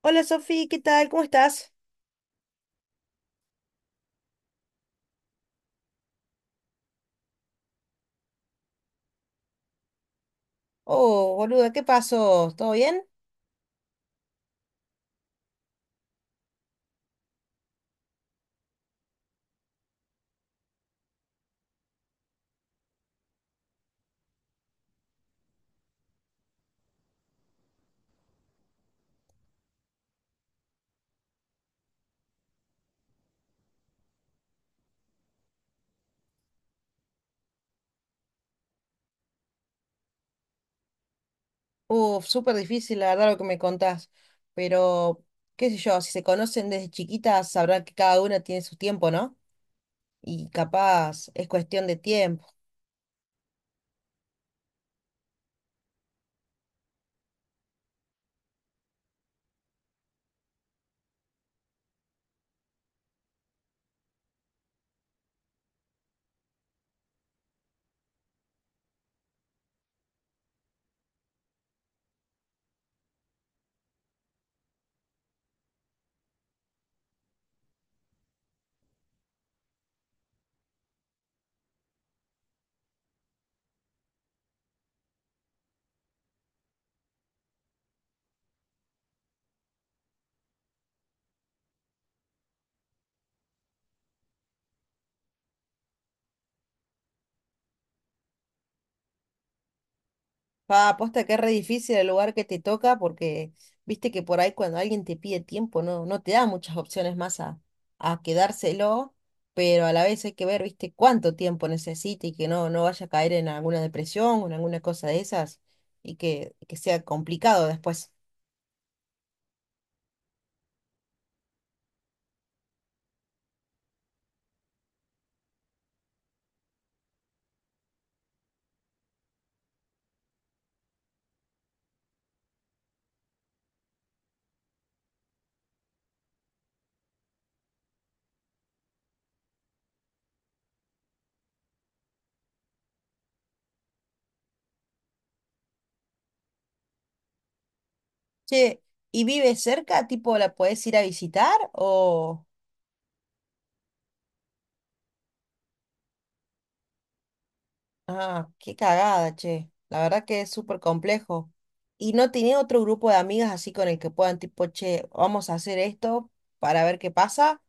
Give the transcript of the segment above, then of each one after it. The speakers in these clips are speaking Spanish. Hola Sofi, ¿qué tal? ¿Cómo estás? Oh, boluda, ¿qué pasó? ¿Todo bien? Uf, súper difícil, la verdad, lo que me contás. Pero, qué sé yo, si se conocen desde chiquitas, sabrán que cada una tiene su tiempo, ¿no? Y capaz es cuestión de tiempo. Pa, aposta que es re difícil el lugar que te toca porque viste que por ahí cuando alguien te pide tiempo no te da muchas opciones más a quedárselo, pero a la vez hay que ver, viste, cuánto tiempo necesita y que no vaya a caer en alguna depresión o en alguna cosa de esas y que sea complicado después. Che, ¿y vive cerca? ¿Tipo la podés ir a visitar o? Ah, qué cagada, che. La verdad que es súper complejo. ¿Y no tenía otro grupo de amigas así con el que puedan, tipo, che, vamos a hacer esto para ver qué pasa?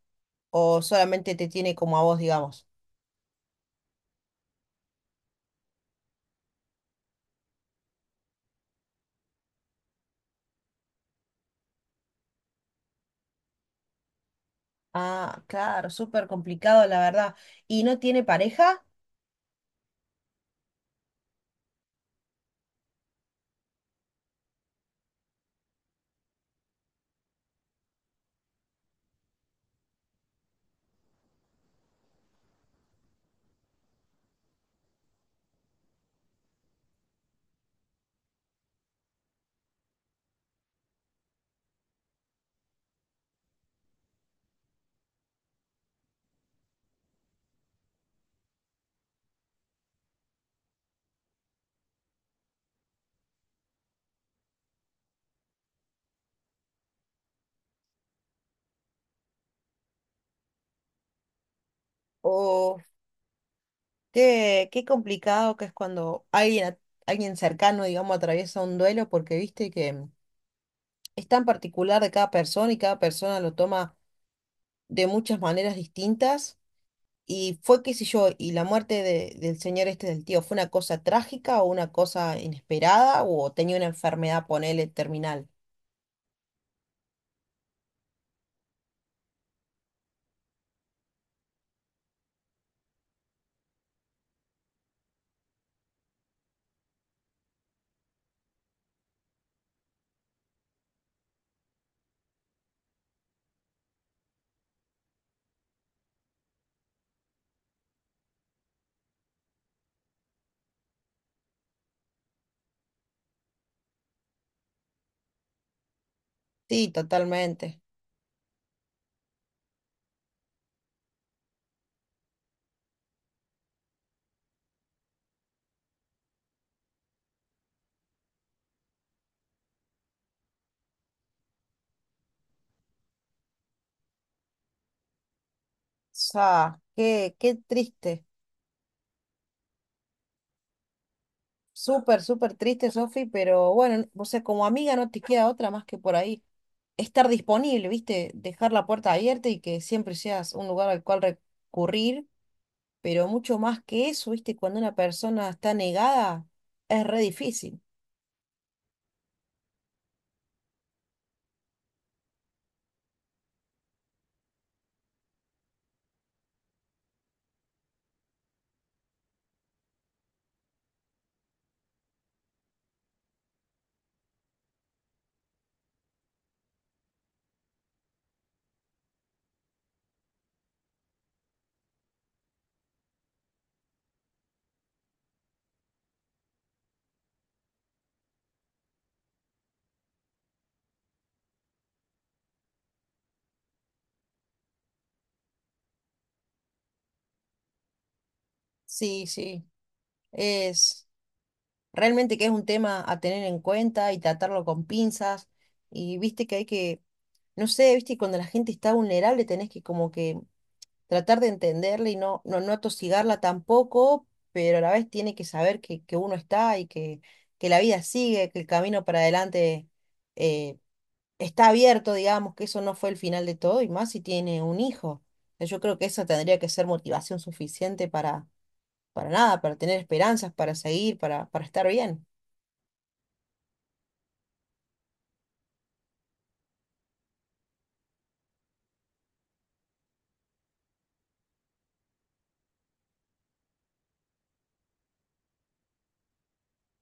¿O solamente te tiene como a vos, digamos? Ah, claro, súper complicado, la verdad. ¿Y no tiene pareja? ¿O qué, qué complicado que es cuando alguien, alguien cercano, digamos, atraviesa un duelo? Porque viste que, es tan particular de cada persona y cada persona lo toma de muchas maneras distintas. Y fue, qué sé yo, y la muerte del señor este del tío, ¿fue una cosa trágica o una cosa inesperada o tenía una enfermedad, ponele, terminal? Sí, totalmente. Sea, qué, qué triste. Súper, súper triste, Sofi, pero bueno, o sea, como amiga no te queda otra más que por ahí estar disponible, ¿viste? Dejar la puerta abierta y que siempre seas un lugar al cual recurrir, pero mucho más que eso, ¿viste? Cuando una persona está negada, es re difícil. Sí, sí, es… Realmente que es un tema a tener en cuenta y tratarlo con pinzas. Y viste que hay no sé, viste, cuando la gente está vulnerable tenés que como que tratar de entenderla y no atosigarla tampoco, pero a la vez tiene que saber que uno está y que la vida sigue, que el camino para adelante eh, está abierto, digamos, que eso no fue el final de todo, y más si tiene un hijo. Yo creo que eso tendría que ser motivación suficiente para nada, para tener esperanzas, para seguir, para estar bien.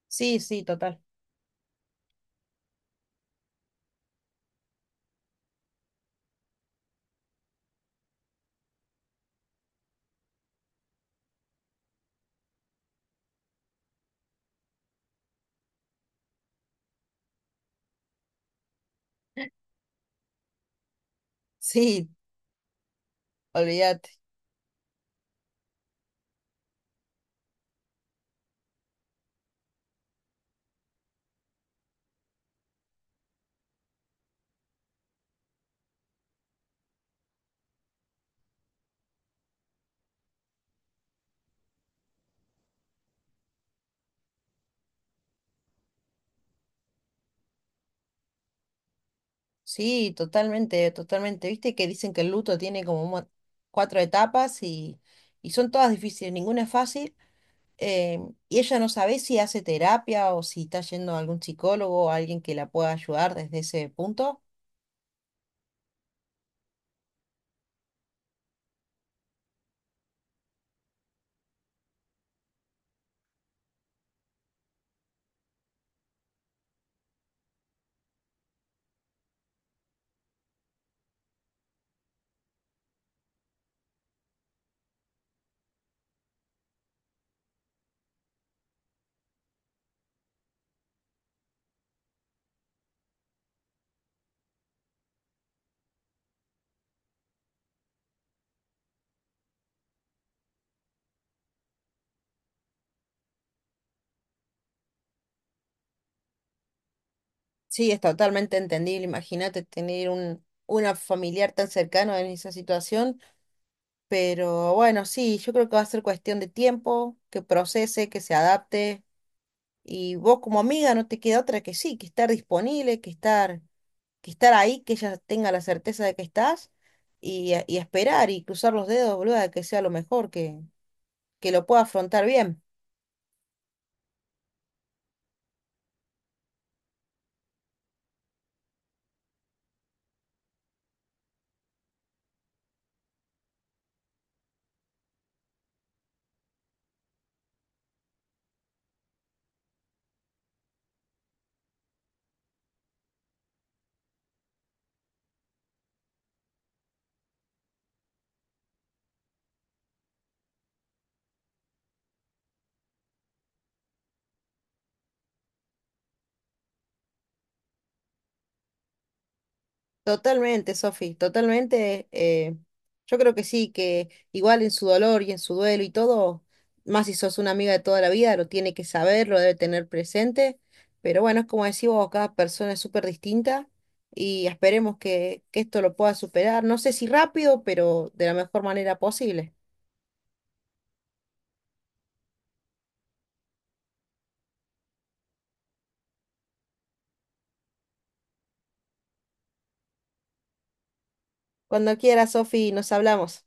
Sí, sí, total. Sí, olvídate. Sí, totalmente, totalmente. Viste que dicen que el luto tiene como un cuatro etapas y son todas difíciles, ninguna es fácil. eh, y ella no sabe si hace terapia o si está yendo a algún psicólogo o alguien que la pueda ayudar desde ese punto. Sí, es totalmente entendible. Imagínate tener una familiar tan cercano en esa situación. Pero bueno, sí, yo creo que va a ser cuestión de tiempo, que procese, que se adapte. Y vos como amiga no te queda otra que sí, que estar disponible, que estar ahí, que ella tenga la certeza de que estás y esperar y cruzar los dedos, boluda, de que sea lo mejor, que lo pueda afrontar bien. Totalmente, Sofi, totalmente. Yo creo que sí, que igual en su dolor y en su duelo y todo, más si sos una amiga de toda la vida, lo tiene que saber, lo debe tener presente. Pero bueno, es como decís vos, cada persona es súper distinta y esperemos que esto lo pueda superar. No sé si rápido, pero de la mejor manera posible. Cuando quiera, Sofi, nos hablamos.